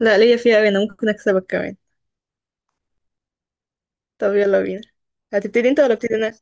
لا ليا فيها أوي. أنا ممكن أكسبك كمان. طب يلا بينا. هتبتدي أنت ولا أبتدي أنا؟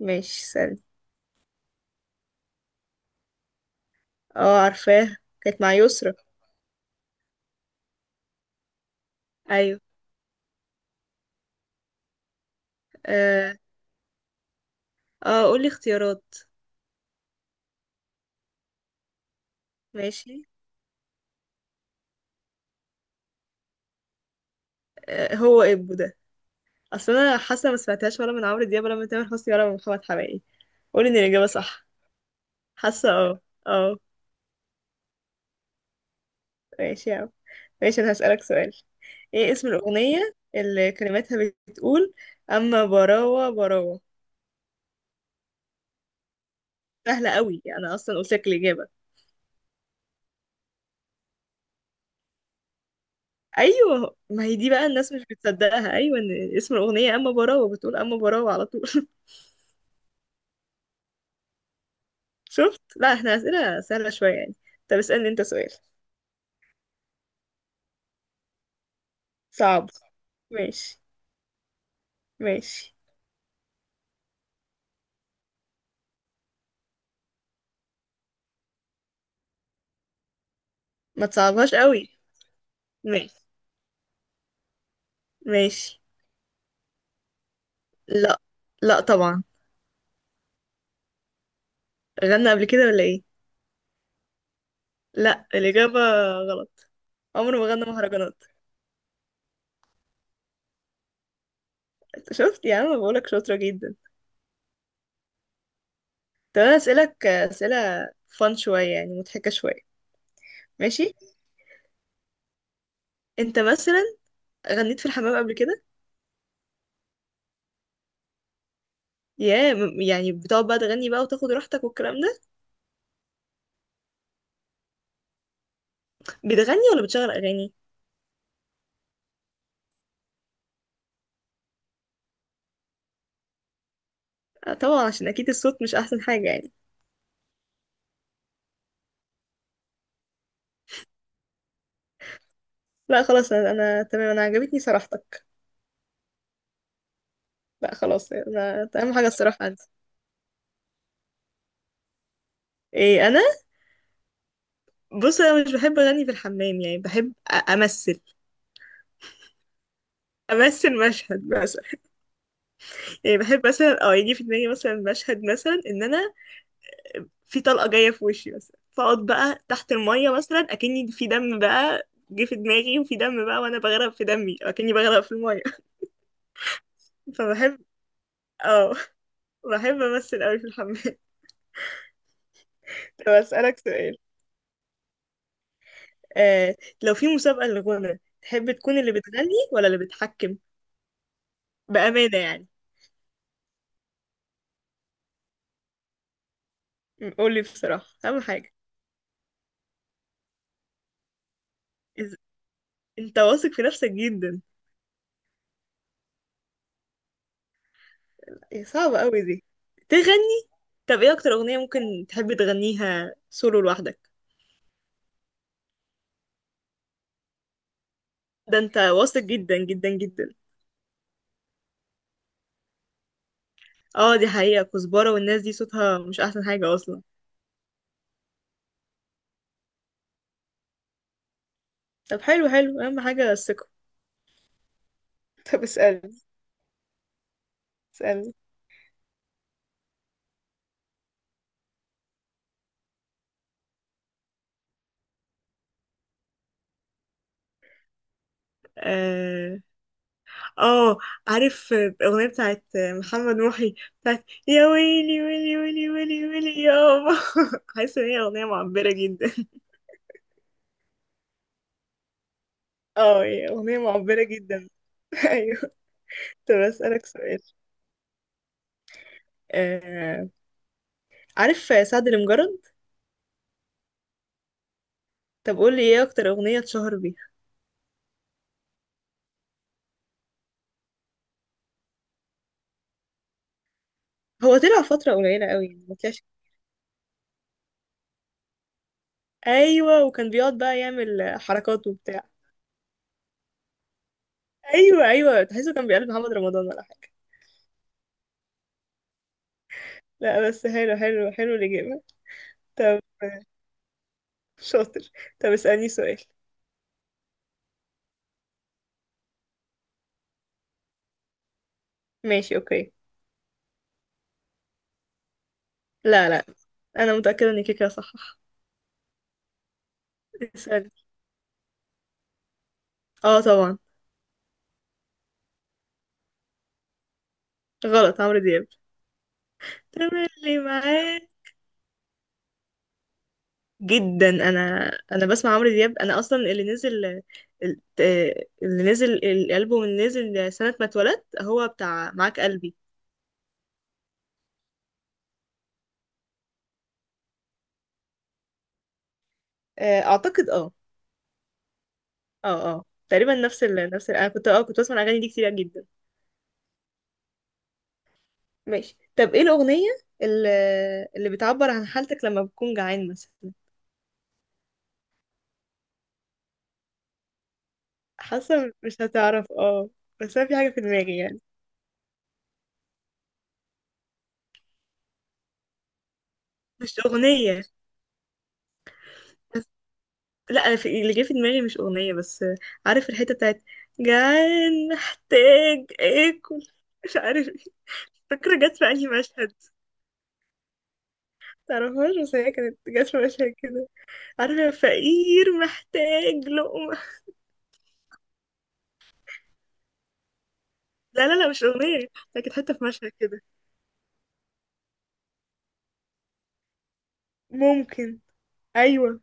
ماشي، سألني. اه عارفاه، كانت مع يسرا. أيوه. اه، قولي اختيارات. ماشي. آه، هو إبو ده. أصل أنا حاسة ما سمعتهاش ولا من عمرو دياب ولا من تامر حسني ولا من محمد حماقي. قولي إن الإجابة صح. حاسة اه. اه. ماشي يا عم. ماشي، أنا هسألك سؤال. ايه اسم الأغنية اللي كلماتها بتقول أما براوة براوة؟ سهلة قوي، أنا أصلا قلت لك الإجابة. ايوه، ما هي دي بقى الناس مش بتصدقها، ايوه ان اسم الاغنيه اما براوه، بتقول اما براوه على طول. شفت، لا احنا اسئله سهله شويه يعني. طب اسالني انت سؤال. صعب. ماشي. ماشي. ما تصعبهاش قوي. ماشي. ماشي. لا. لا طبعا. غنى قبل كده ولا ايه؟ لا، الاجابه غلط. عمره ما غنى مهرجانات. شفت يا عم، بقولك شاطره جدا. طب انا اسالك اسئله فان شويه يعني، مضحكه شويه. ماشي. انت مثلا غنيت في الحمام قبل كده؟ ياه، يعني بتقعد بقى تغني بقى وتاخد راحتك والكلام ده؟ بتغني ولا بتشغل اغاني؟ طبعا، عشان اكيد الصوت مش احسن حاجه يعني. لا خلاص، أنا تمام، انا عجبتني صراحتك. لا خلاص، انا اهم حاجه الصراحه عندي. ايه انا؟ بص، انا مش بحب اغني في الحمام، يعني بحب امثل. امثل مشهد مثلا. يعني بحب مثلا اه يجي في دماغي مثلا مشهد مثلا ان انا في طلقه جايه في وشي مثلا، فاقعد بقى تحت الميه مثلا اكني في دم بقى، جه في دماغي، وفي دم بقى وانا بغرق في دمي أو اكني بغرق في الميه. فبحب. اه. بحب امثل قوي في الحمام. طب اسالك سؤال. آه. لو في مسابقه للغنى، تحب تكون اللي بتغني ولا اللي بتحكم؟ بامانه يعني. قولي بصراحه، اهم حاجه. إز... انت واثق في نفسك جدا. إيه، صعبه قوي دي. تغني. طب ايه اكتر اغنيه ممكن تحب تغنيها سولو لوحدك؟ ده انت واثق جدا جدا جدا. اه دي حقيقه، كزبره والناس دي صوتها مش احسن حاجه اصلا. طب حلو حلو، اهم حاجه الثقه. طب اسالني. اسالني. اه، عارف الأغنية بتاعت محمد محي، بتاعت يا ويلي ويلي ويلي ويلي ويلي يابا؟ حاسة ان هي أغنية معبرة جدا. اه هي أغنية معبرة جدا. ايوه. طب أسألك سؤال. آه... عارف سعد المجرد؟ طب قول لي ايه اكتر أغنية اتشهر بيها. هو طلع فترة قليلة قوي يعني، ما طلعش. ايوه، وكان بيقعد بقى يعمل حركات وبتاع. ايوه ايوه، تحسه كان بيقلد محمد رمضان ولا حاجة؟ لا بس حلو حلو حلو الإجابة. طب. شاطر. طب اسألني سؤال. ماشي اوكي. لا لا، انا متأكدة انك كده صح. اسألني. اه طبعا. غلط، عمرو دياب. تملي معاه. جدا، انا بسمع عمرو دياب، انا اصلا اللي نزل اللي نزل الالبوم اللي نزل سنة ما اتولدت هو بتاع معاك قلبي. آه، اعتقد اه. اه اه، تقريبا انا كنت اه كنت بسمع الاغاني دي كتير جدا. ماشي. طب ايه الاغنية اللي, اللي بتعبر عن حالتك لما بتكون جعان مثلا؟ حاسة مش هتعرف اه. بس انا في حاجة في دماغي يعني. مش أغنية بس. لا أنا اللي جه في دماغي مش أغنية بس. عارف الحتة بتاعت جعان محتاج آكل مش عارف ايه؟ فاكرة جت في أنهي مشهد؟ متعرفهاش، بس هي كانت جت في مشهد كده. عارفة فقير محتاج لقمة؟ لا لا لا، مش أغنية. لكن حتة في مشهد كده. ممكن. أيوة.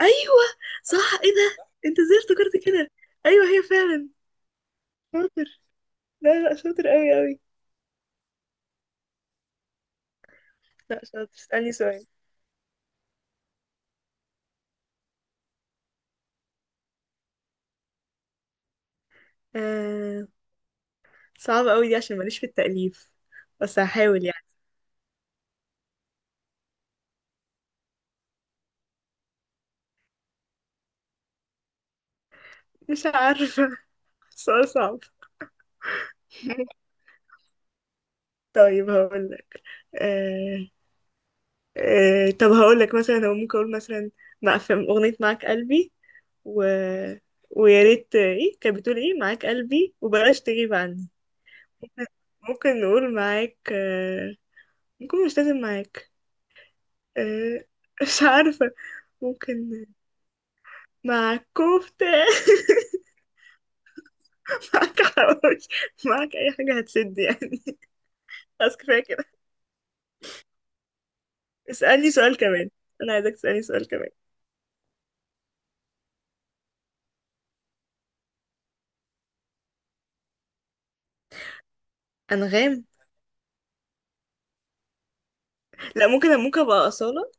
أيوة. صح، ايه ده انت ازاي افتكرت كده؟ أيوة هي فعلا. شاطر. لا لا، شاطر أوي أوي. لا شاطر، اسألني سؤال. آه... صعب قوي دي، عشان ماليش في التأليف. بس هحاول يعني. مش عارفة. سؤال صعب. طيب هقول لك. آه... آه... طب هقول لك مثلا. هو ممكن اقول مثلا. مع، في أغنية معاك قلبي. و... ويا ريت، ايه كانت بتقول؟ ايه، معاك قلبي وبلاش تغيب عني. ممكن نقول معاك آه... ممكن، مش لازم معاك. آه... مش عارفة. ممكن. معاك كفتة. معاك حواوشي. معاك اي حاجة هتسد يعني. خلاص كفاية كده. اسألني سؤال كمان. انا عايزك تسألني سؤال كمان. انغام. لا، ممكن ممكن ابقى أصالة.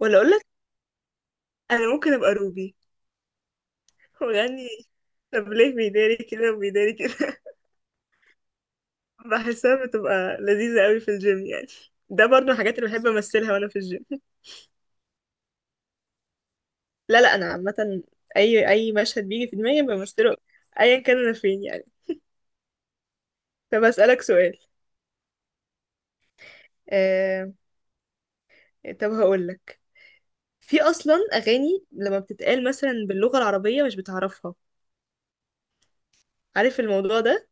ولا اقول لك، انا ممكن ابقى روبي. وغني. طب ليه بيداري كده وبيداري كده؟ بحسها بتبقى لذيذة قوي في الجيم يعني. ده برضه من الحاجات اللي بحب امثلها وانا في الجيم. لا لا انا عامة، اي اي مشهد بيجي في دماغي بمثله. ايا كان انا فين يعني. طب اسألك سؤال. آه... طب هقول لك، في اصلا اغاني لما بتتقال مثلا باللغه العربيه مش بتعرفها. عارف الموضوع ده؟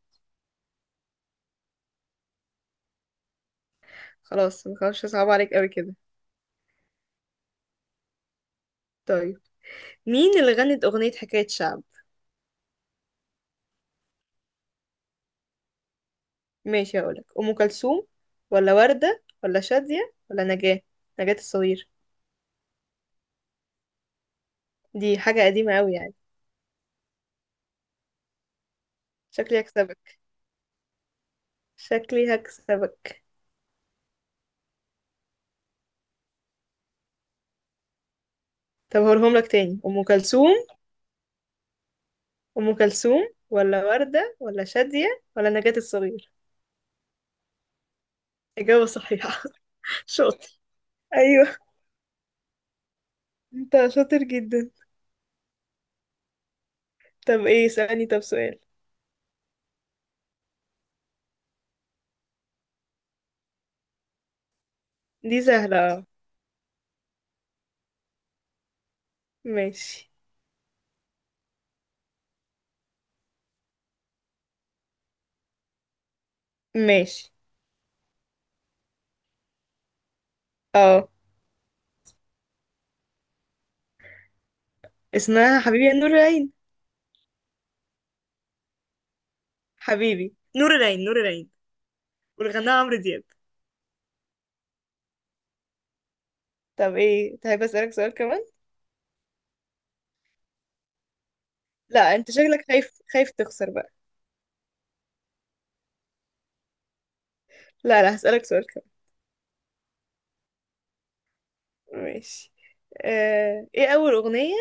خلاص، ما خلاص صعب عليك قوي كده. طيب، مين اللي غنت اغنيه حكايه شعب؟ ماشي هقولك، ام كلثوم ولا ورده ولا شاديه ولا نجاه. نجاه الصغير. دي حاجه قديمه قوي يعني. شكلي هكسبك. شكلي هكسبك. طب هقولهم لك تاني، ام كلثوم. ام كلثوم ولا ورده ولا شاديه ولا نجاه الصغير. اجابه صحيحه. شاطر. ايوه، انت شاطر جدا. طب ايه، اسألني طب سؤال. دي سهلة اه. ماشي. ماشي. اه، اسمها حبيبي يا نور العين. حبيبي نور العين، نور العين. والغناها عمرو دياب. طب ايه، تحب اسألك سؤال كمان؟ لا انت شكلك خايف، خايف تخسر بقى. لا لا، هسألك سؤال. كمان ماشي. آه، ايه اول اغنية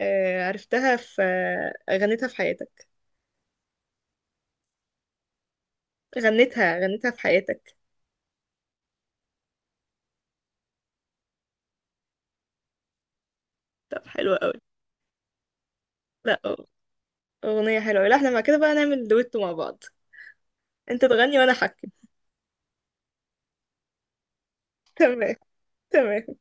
آه، عرفتها في آه، غنيتها في حياتك؟ غنيتها غنيتها في حياتك. طب حلوة قوي. لا أه، اغنية حلوة أوي. لا احنا مع كده بقى نعمل دويتو مع بعض. انت تغني وانا احكي. تمام. تمام.